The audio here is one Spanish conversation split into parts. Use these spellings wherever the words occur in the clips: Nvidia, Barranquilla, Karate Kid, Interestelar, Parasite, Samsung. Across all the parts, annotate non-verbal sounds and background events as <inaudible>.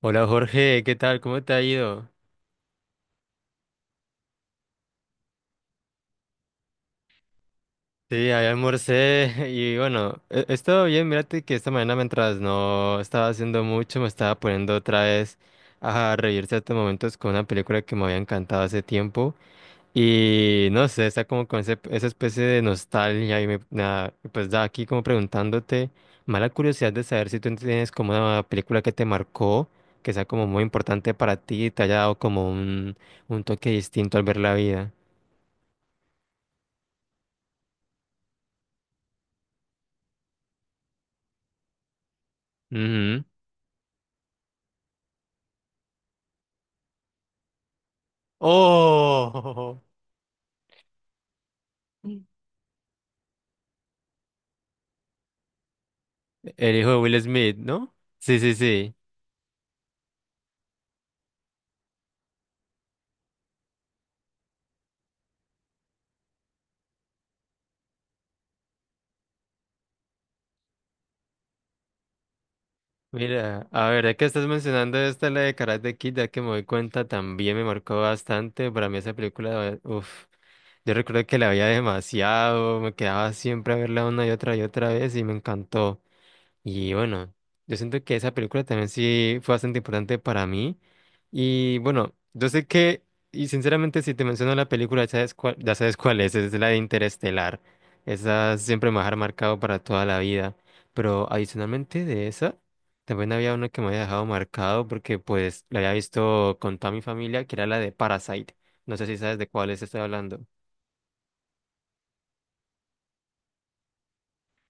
Hola Jorge, ¿qué tal? ¿Cómo te ha ido? Sí, ahí almorcé <laughs> y bueno, he estado bien, mírate que esta mañana mientras no estaba haciendo mucho, me estaba poniendo otra vez a reír ciertos momentos con una película que me había encantado hace tiempo y no sé, está como con esa especie de nostalgia y me, nada, pues da aquí como preguntándote, mala curiosidad de saber si tú tienes como una película que te marcó, que sea como muy importante para ti y te haya dado como un toque distinto al ver la vida. Oh, <laughs> el hijo de Will Smith, ¿no? Sí, sí, sí. Mira, a ver, ya que estás mencionando esta, la de Karate Kid, ya que me doy cuenta, también me marcó bastante. Para mí esa película, uff, yo recuerdo que la veía demasiado, me quedaba siempre a verla una y otra vez y me encantó. Y bueno, yo siento que esa película también sí fue bastante importante para mí. Y bueno, yo sé que, y sinceramente si te menciono la película, ya sabes cuál es la de Interestelar. Esa siempre me va a dejar marcado para toda la vida. Pero adicionalmente de esa, también había una que me había dejado marcado porque pues la había visto con toda mi familia, que era la de Parasite. No sé si sabes de cuál es estoy hablando.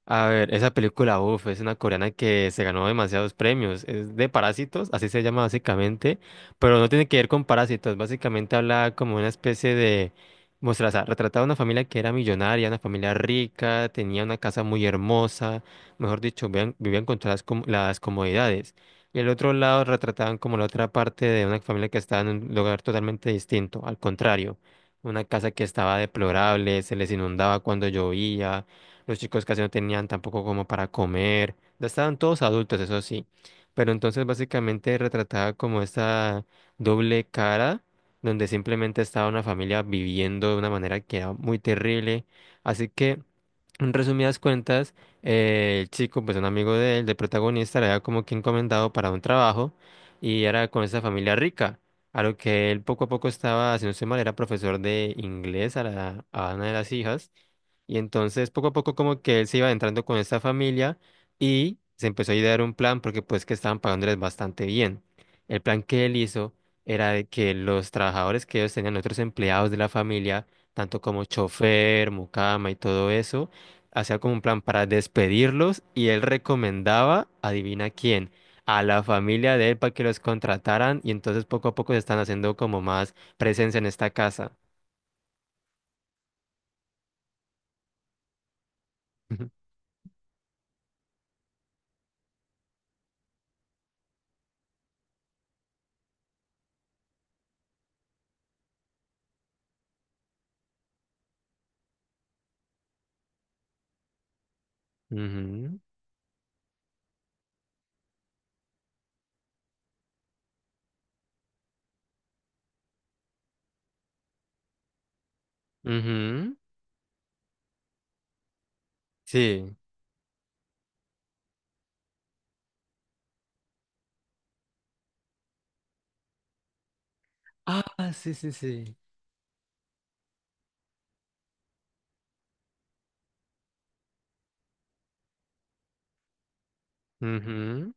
A ver, esa película, uff, es una coreana que se ganó demasiados premios. Es de Parásitos, así se llama básicamente, pero no tiene que ver con parásitos. Básicamente habla como una especie de... Muestra, o sea, retrataba una familia que era millonaria, una familia rica, tenía una casa muy hermosa, mejor dicho, vivían con todas las comodidades. Y el otro lado retrataban como la otra parte de una familia que estaba en un lugar totalmente distinto, al contrario, una casa que estaba deplorable, se les inundaba cuando llovía los chicos casi no tenían tampoco como para comer. Ya estaban todos adultos, eso sí. Pero entonces básicamente retrataba como esta doble cara, donde simplemente estaba una familia viviendo de una manera que era muy terrible. Así que, en resumidas cuentas, el chico, pues un amigo de él, del protagonista, le había como que encomendado para un trabajo y era con esa familia rica. A lo que él poco a poco estaba, si no estoy mal, era profesor de inglés a una de las hijas. Y entonces poco a poco como que él se iba entrando con esta familia y se empezó a idear un plan porque pues que estaban pagándoles bastante bien. El plan que él hizo era de que los trabajadores que ellos tenían, otros empleados de la familia, tanto como chofer, mucama y todo eso, hacía como un plan para despedirlos y él recomendaba, adivina quién, a la familia de él para que los contrataran y entonces poco a poco se están haciendo como más presencia en esta casa. <laughs> Ujú, ujú. Sí. Ah, sí, sí, sí. Ujú,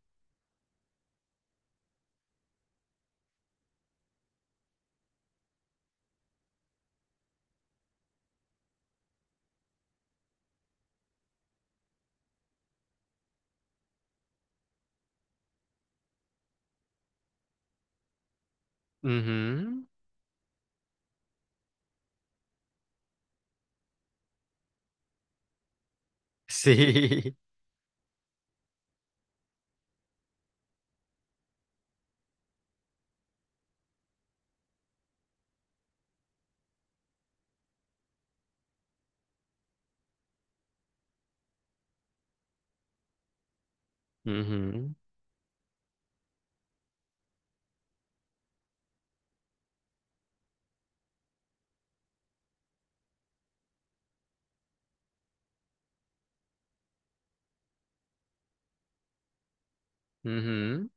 ujú. Sí. <laughs> Ujú, ujú.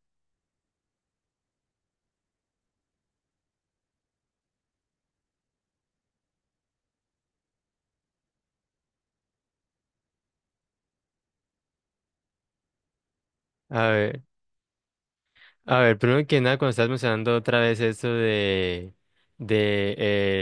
A ver. A ver, primero que nada, cuando estás mencionando otra vez esto de, de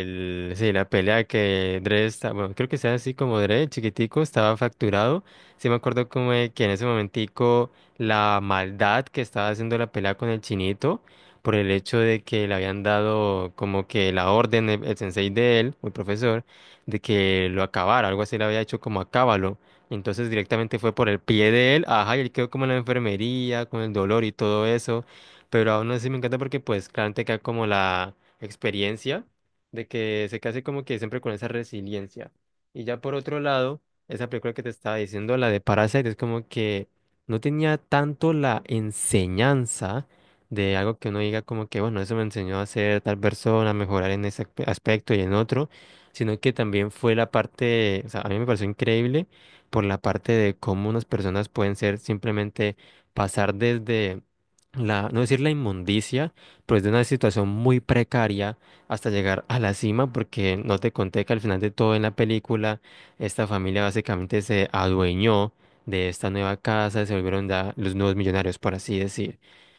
el, sí, la pelea que Dre está, bueno, creo que sea así como Dre, el chiquitico, estaba facturado. Sí me acuerdo como de que en ese momentico la maldad que estaba haciendo la pelea con el chinito, por el hecho de que le habían dado como que la orden, el sensei de él, o el profesor, de que lo acabara, algo así le había hecho como acábalo. Entonces directamente fue por el pie de él, ajá, y él quedó como en la enfermería, con el dolor y todo eso pero aún así me encanta porque pues claramente queda como la experiencia de que se case como que siempre con esa resiliencia. Y ya por otro lado, esa película que te estaba diciendo, la de Parasite, es como que no tenía tanto la enseñanza de algo que uno diga como que, bueno, eso me enseñó a ser tal persona, a mejorar en ese aspecto y en otro, sino que también fue la parte, o sea, a mí me pareció increíble por la parte de cómo unas personas pueden ser simplemente pasar desde la, no decir la inmundicia, pero es de una situación muy precaria hasta llegar a la cima, porque no te conté que al final de todo en la película, esta familia básicamente se adueñó de esta nueva casa, se volvieron ya los nuevos millonarios, por así decir.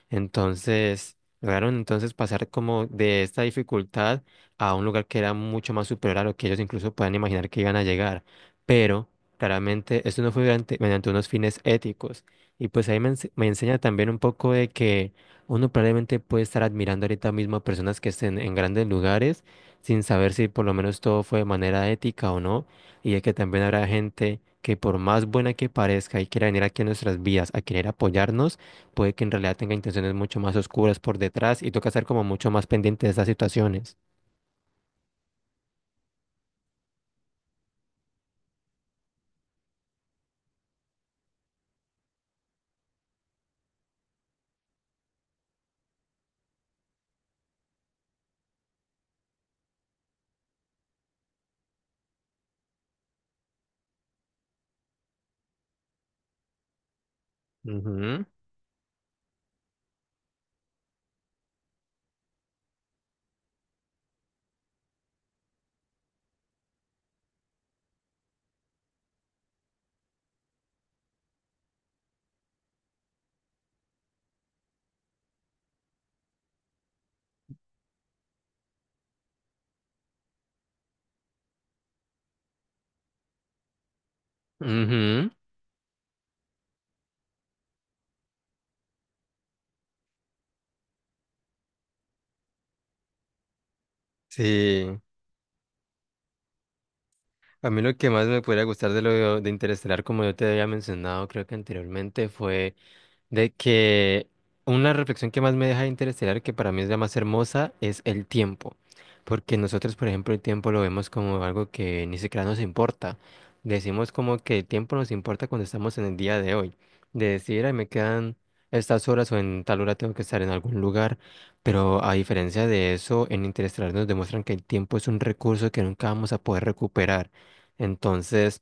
Entonces, lograron entonces pasar como de esta dificultad a un lugar que era mucho más superior a lo que ellos incluso puedan imaginar que iban a llegar, pero... Claramente, esto no fue mediante unos fines éticos y pues ahí me enseña también un poco de que uno probablemente puede estar admirando ahorita mismo a personas que estén en grandes lugares sin saber si por lo menos todo fue de manera ética o no. Y de que también habrá gente que por más buena que parezca y quiera venir aquí a nuestras vidas a querer apoyarnos, puede que en realidad tenga intenciones mucho más oscuras por detrás y toca estar como mucho más pendiente de esas situaciones. Ujú, ujú. Sí. A mí lo que más me pudiera gustar de lo de Interestelar, como yo te había mencionado, creo que anteriormente, fue de que una reflexión que más me deja de Interestelar, que para mí es la más hermosa, es el tiempo. Porque nosotros, por ejemplo, el tiempo lo vemos como algo que ni siquiera nos importa. Decimos como que el tiempo nos importa cuando estamos en el día de hoy. De decir, ay, me quedan estas horas o en tal hora tengo que estar en algún lugar. Pero a diferencia de eso, en Interestelar nos demuestran que el tiempo es un recurso que nunca vamos a poder recuperar. Entonces,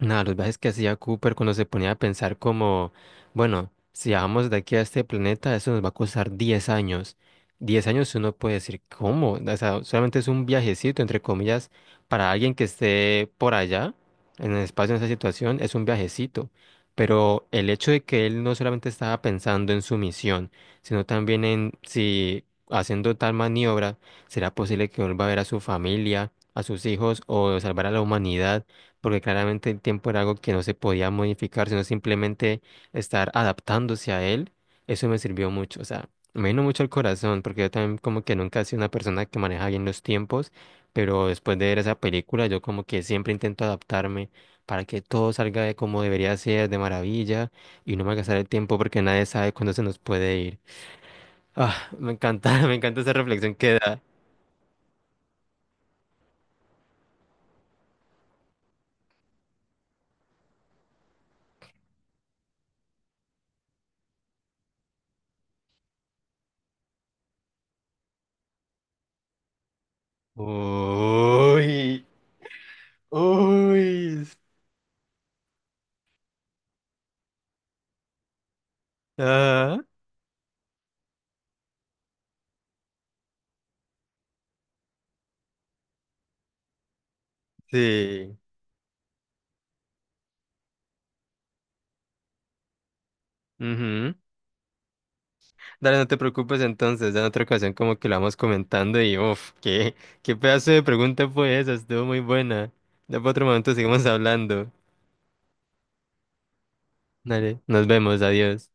nada, los viajes que hacía Cooper cuando se ponía a pensar como, bueno, si vamos de aquí a este planeta, eso nos va a costar 10 años. 10 años uno puede decir, ¿cómo? O sea, solamente es un viajecito, entre comillas, para alguien que esté por allá, en el espacio, en esa situación, es un viajecito. Pero el hecho de que él no solamente estaba pensando en su misión, sino también en si haciendo tal maniobra, será posible que vuelva a ver a su familia, a sus hijos o salvar a la humanidad porque claramente el tiempo era algo que no se podía modificar, sino simplemente estar adaptándose a él, eso me sirvió mucho, o sea, me vino mucho al corazón, porque yo también como que nunca he sido una persona que maneja bien los tiempos, pero después de ver esa película, yo como que siempre intento adaptarme para que todo salga de como debería ser, de maravilla, y no me gastar el tiempo porque nadie sabe cuándo se nos puede ir. Ah, me encanta, <laughs> me encanta esa reflexión que da. Uy, uy. Ah, sí. Ujú. Dale, no te preocupes entonces, ya en otra ocasión como que lo vamos comentando y uff, qué, qué pedazo de pregunta fue esa, estuvo muy buena. Ya para otro momento seguimos hablando. Dale, nos vemos, adiós.